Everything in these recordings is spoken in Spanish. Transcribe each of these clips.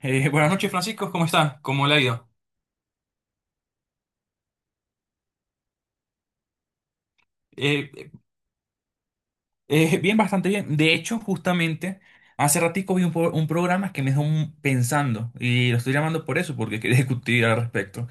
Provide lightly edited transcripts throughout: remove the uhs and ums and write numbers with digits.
Buenas noches, Francisco, ¿cómo está? ¿Cómo le ha ido? Eh, Bien, bastante bien. De hecho, justamente, hace ratico vi un programa que me dejó pensando y lo estoy llamando por eso, porque quería discutir al respecto,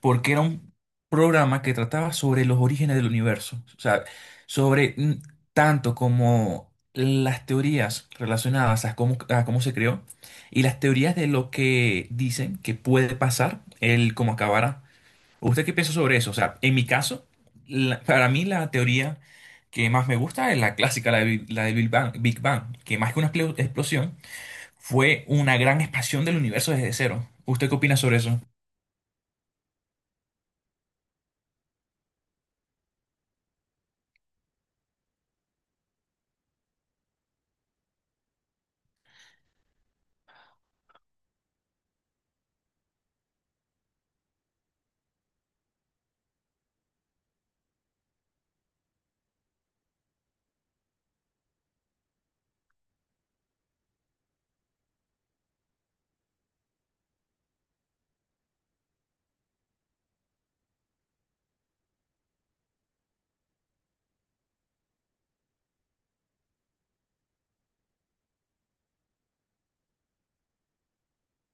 porque era un programa que trataba sobre los orígenes del universo, o sea, sobre tanto como las teorías relacionadas a cómo se creó y las teorías de lo que dicen que puede pasar, el cómo acabará. ¿Usted qué piensa sobre eso? O sea, en mi caso, para mí la teoría que más me gusta es la clásica, la del Big Bang, Big Bang, que más que una explosión, fue una gran expansión del universo desde cero. ¿Usted qué opina sobre eso?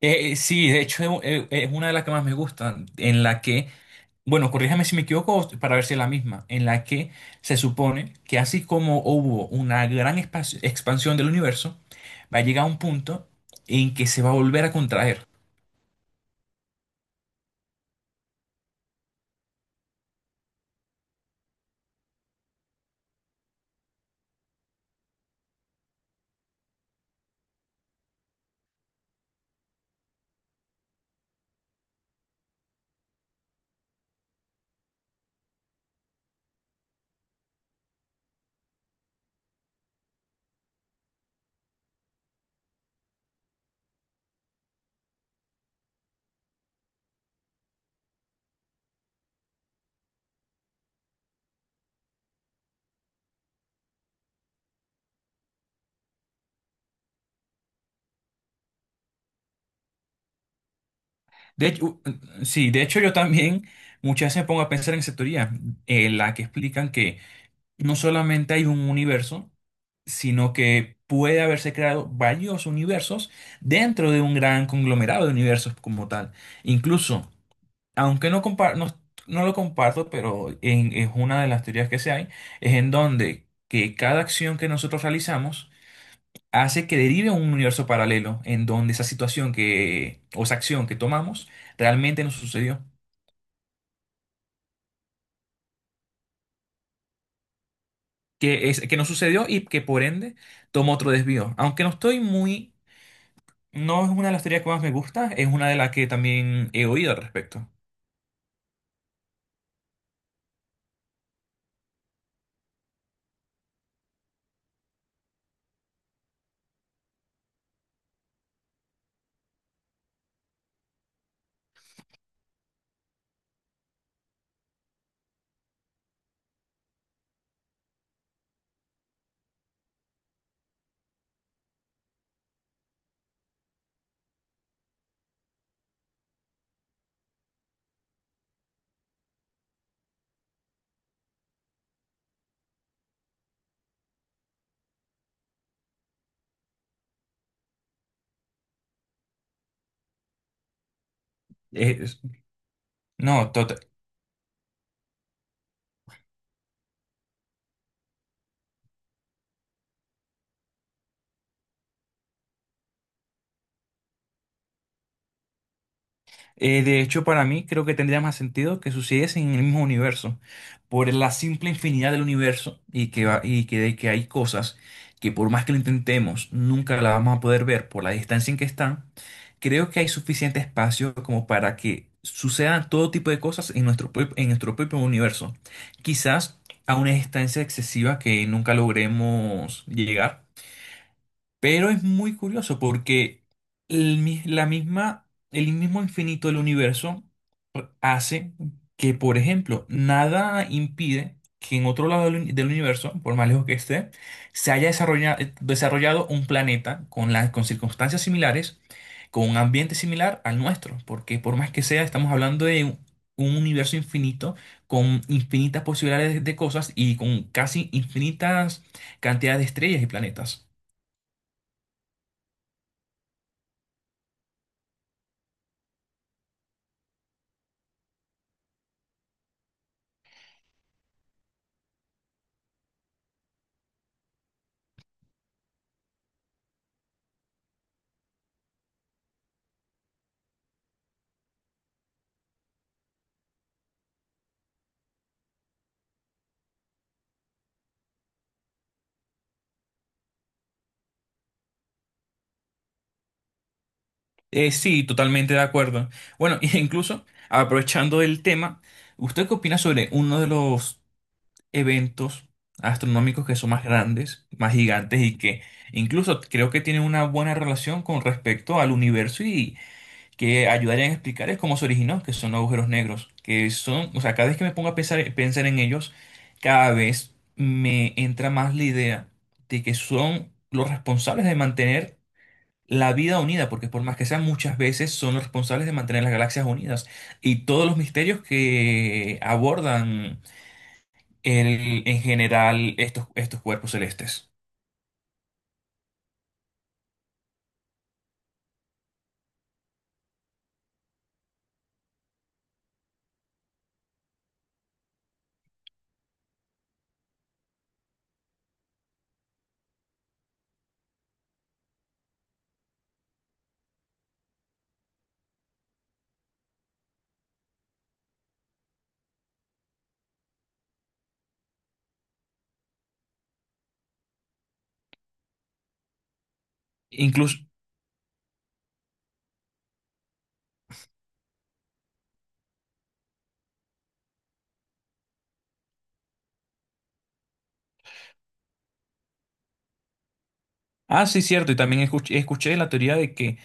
Sí, de hecho es una de las que más me gustan, en la que, bueno, corríjame si me equivoco para ver si es la misma, en la que se supone que así como hubo una gran expansión del universo, va a llegar a un punto en que se va a volver a contraer. De hecho, sí, de hecho yo también muchas veces me pongo a pensar en esa teoría, en la que explican que no solamente hay un universo, sino que puede haberse creado varios universos dentro de un gran conglomerado de universos como tal. Incluso, aunque no, no, no lo comparto, pero es una de las teorías que se hay, es en donde que cada acción que nosotros realizamos hace que derive a un universo paralelo en donde esa situación que, o esa acción que tomamos realmente nos sucedió. Que, es, que nos sucedió y que por ende tomó otro desvío. Aunque no estoy muy... No es una. De hecho, para mí creo que tendría más sentido que sucediesen en el mismo universo, por la simple infinidad del universo y que, de que hay cosas que por más que lo intentemos, nunca las vamos a poder ver por la distancia en que están. Creo que hay suficiente espacio como para que sucedan todo tipo de cosas en en nuestro propio universo. Quizás a una distancia excesiva que nunca logremos llegar. Pero es muy curioso porque la misma, el mismo infinito del universo hace que, por ejemplo, nada impide que en otro lado del universo, por más lejos que esté, se haya desarrollado, un planeta con, las con circunstancias similares, con un ambiente similar al nuestro. Porque por más que sea, estamos hablando de un universo infinito con infinitas posibilidades de cosas y con casi infinitas cantidades de estrellas y planetas. Sí, totalmente de acuerdo. Bueno, e incluso aprovechando el tema, ¿usted qué opina sobre uno de los eventos astronómicos que son más grandes, más gigantes y que incluso creo que tienen una buena relación con respecto al universo y que ayudarían a explicar es cómo se originó, que son los agujeros negros, que son, o sea, cada vez que me pongo a pensar en ellos, cada vez me entra más la idea de que son los responsables de mantener la vida unida, porque por más que sean muchas veces, son los responsables de mantener las galaxias unidas. Y todos los misterios que abordan en general estos cuerpos celestes. Incluso, ah, sí, cierto, y también escuché la teoría de que,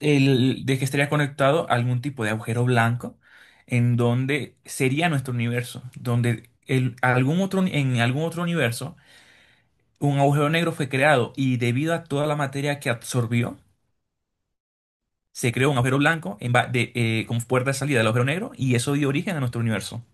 el, de que estaría conectado a algún tipo de agujero blanco en donde sería nuestro universo, donde el, algún otro, en algún otro universo un agujero negro fue creado y debido a toda la materia que absorbió, se creó un agujero blanco en como puerta de salida del agujero negro y eso dio origen a nuestro universo.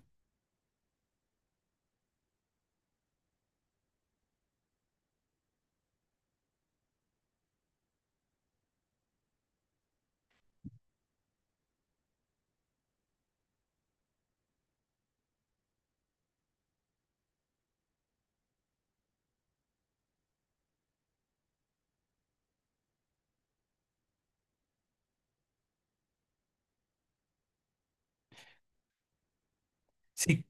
Sí,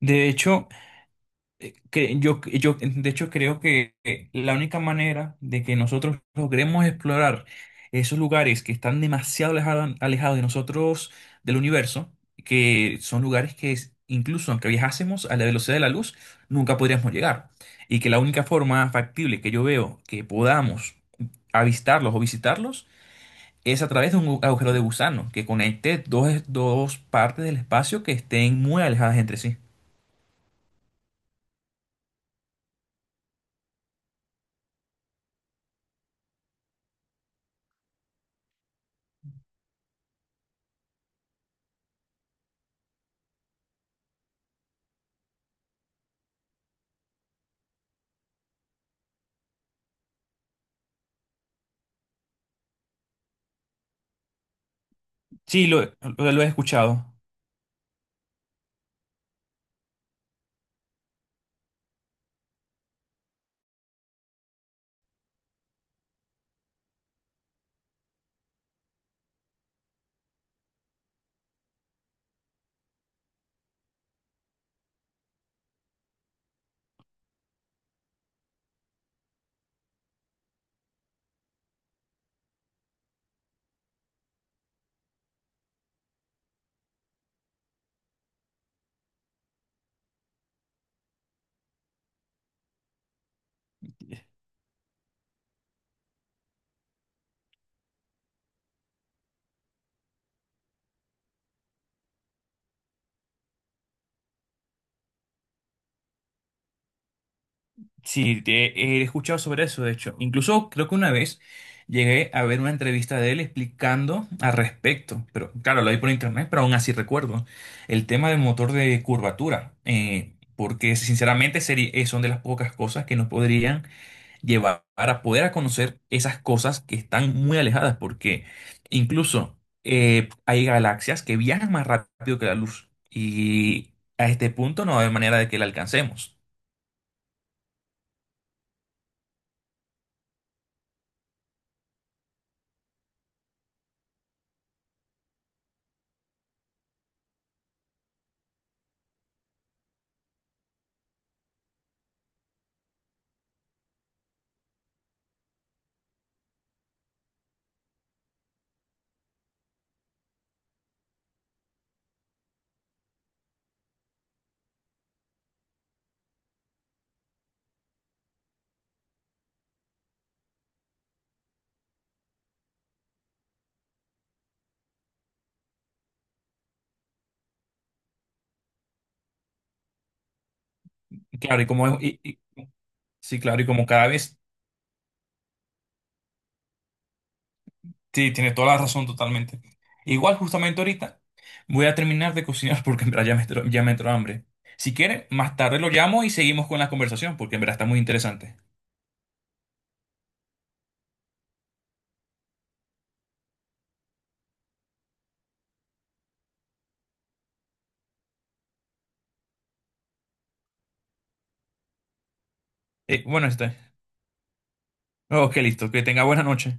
de hecho, yo de hecho creo que la única manera de que nosotros logremos explorar esos lugares que están demasiado alejados de nosotros, del universo, que son lugares que incluso aunque viajásemos a la velocidad de la luz, nunca podríamos llegar. Y que la única forma factible que yo veo que podamos avistarlos o visitarlos es a través de un agujero de gusano que conecte dos partes del espacio que estén muy alejadas entre sí. Sí, lo he escuchado. Sí, he escuchado sobre eso, de hecho. Incluso creo que una vez llegué a ver una entrevista de él explicando al respecto, pero claro, lo vi por internet, pero aún así recuerdo el tema del motor de curvatura, porque sinceramente sería, son de las pocas cosas que nos podrían llevar a poder a conocer esas cosas que están muy alejadas, porque incluso hay galaxias que viajan más rápido que la luz y a este punto no va a haber manera de que la alcancemos. Y claro, sí, claro, y como cada vez, sí, tiene toda la razón totalmente. Igual justamente ahorita voy a terminar de cocinar porque en verdad ya me entró hambre. Si quiere, más tarde lo llamo y seguimos con la conversación porque en verdad está muy interesante. Bueno, está. Ok, listo. Que tenga buena noche.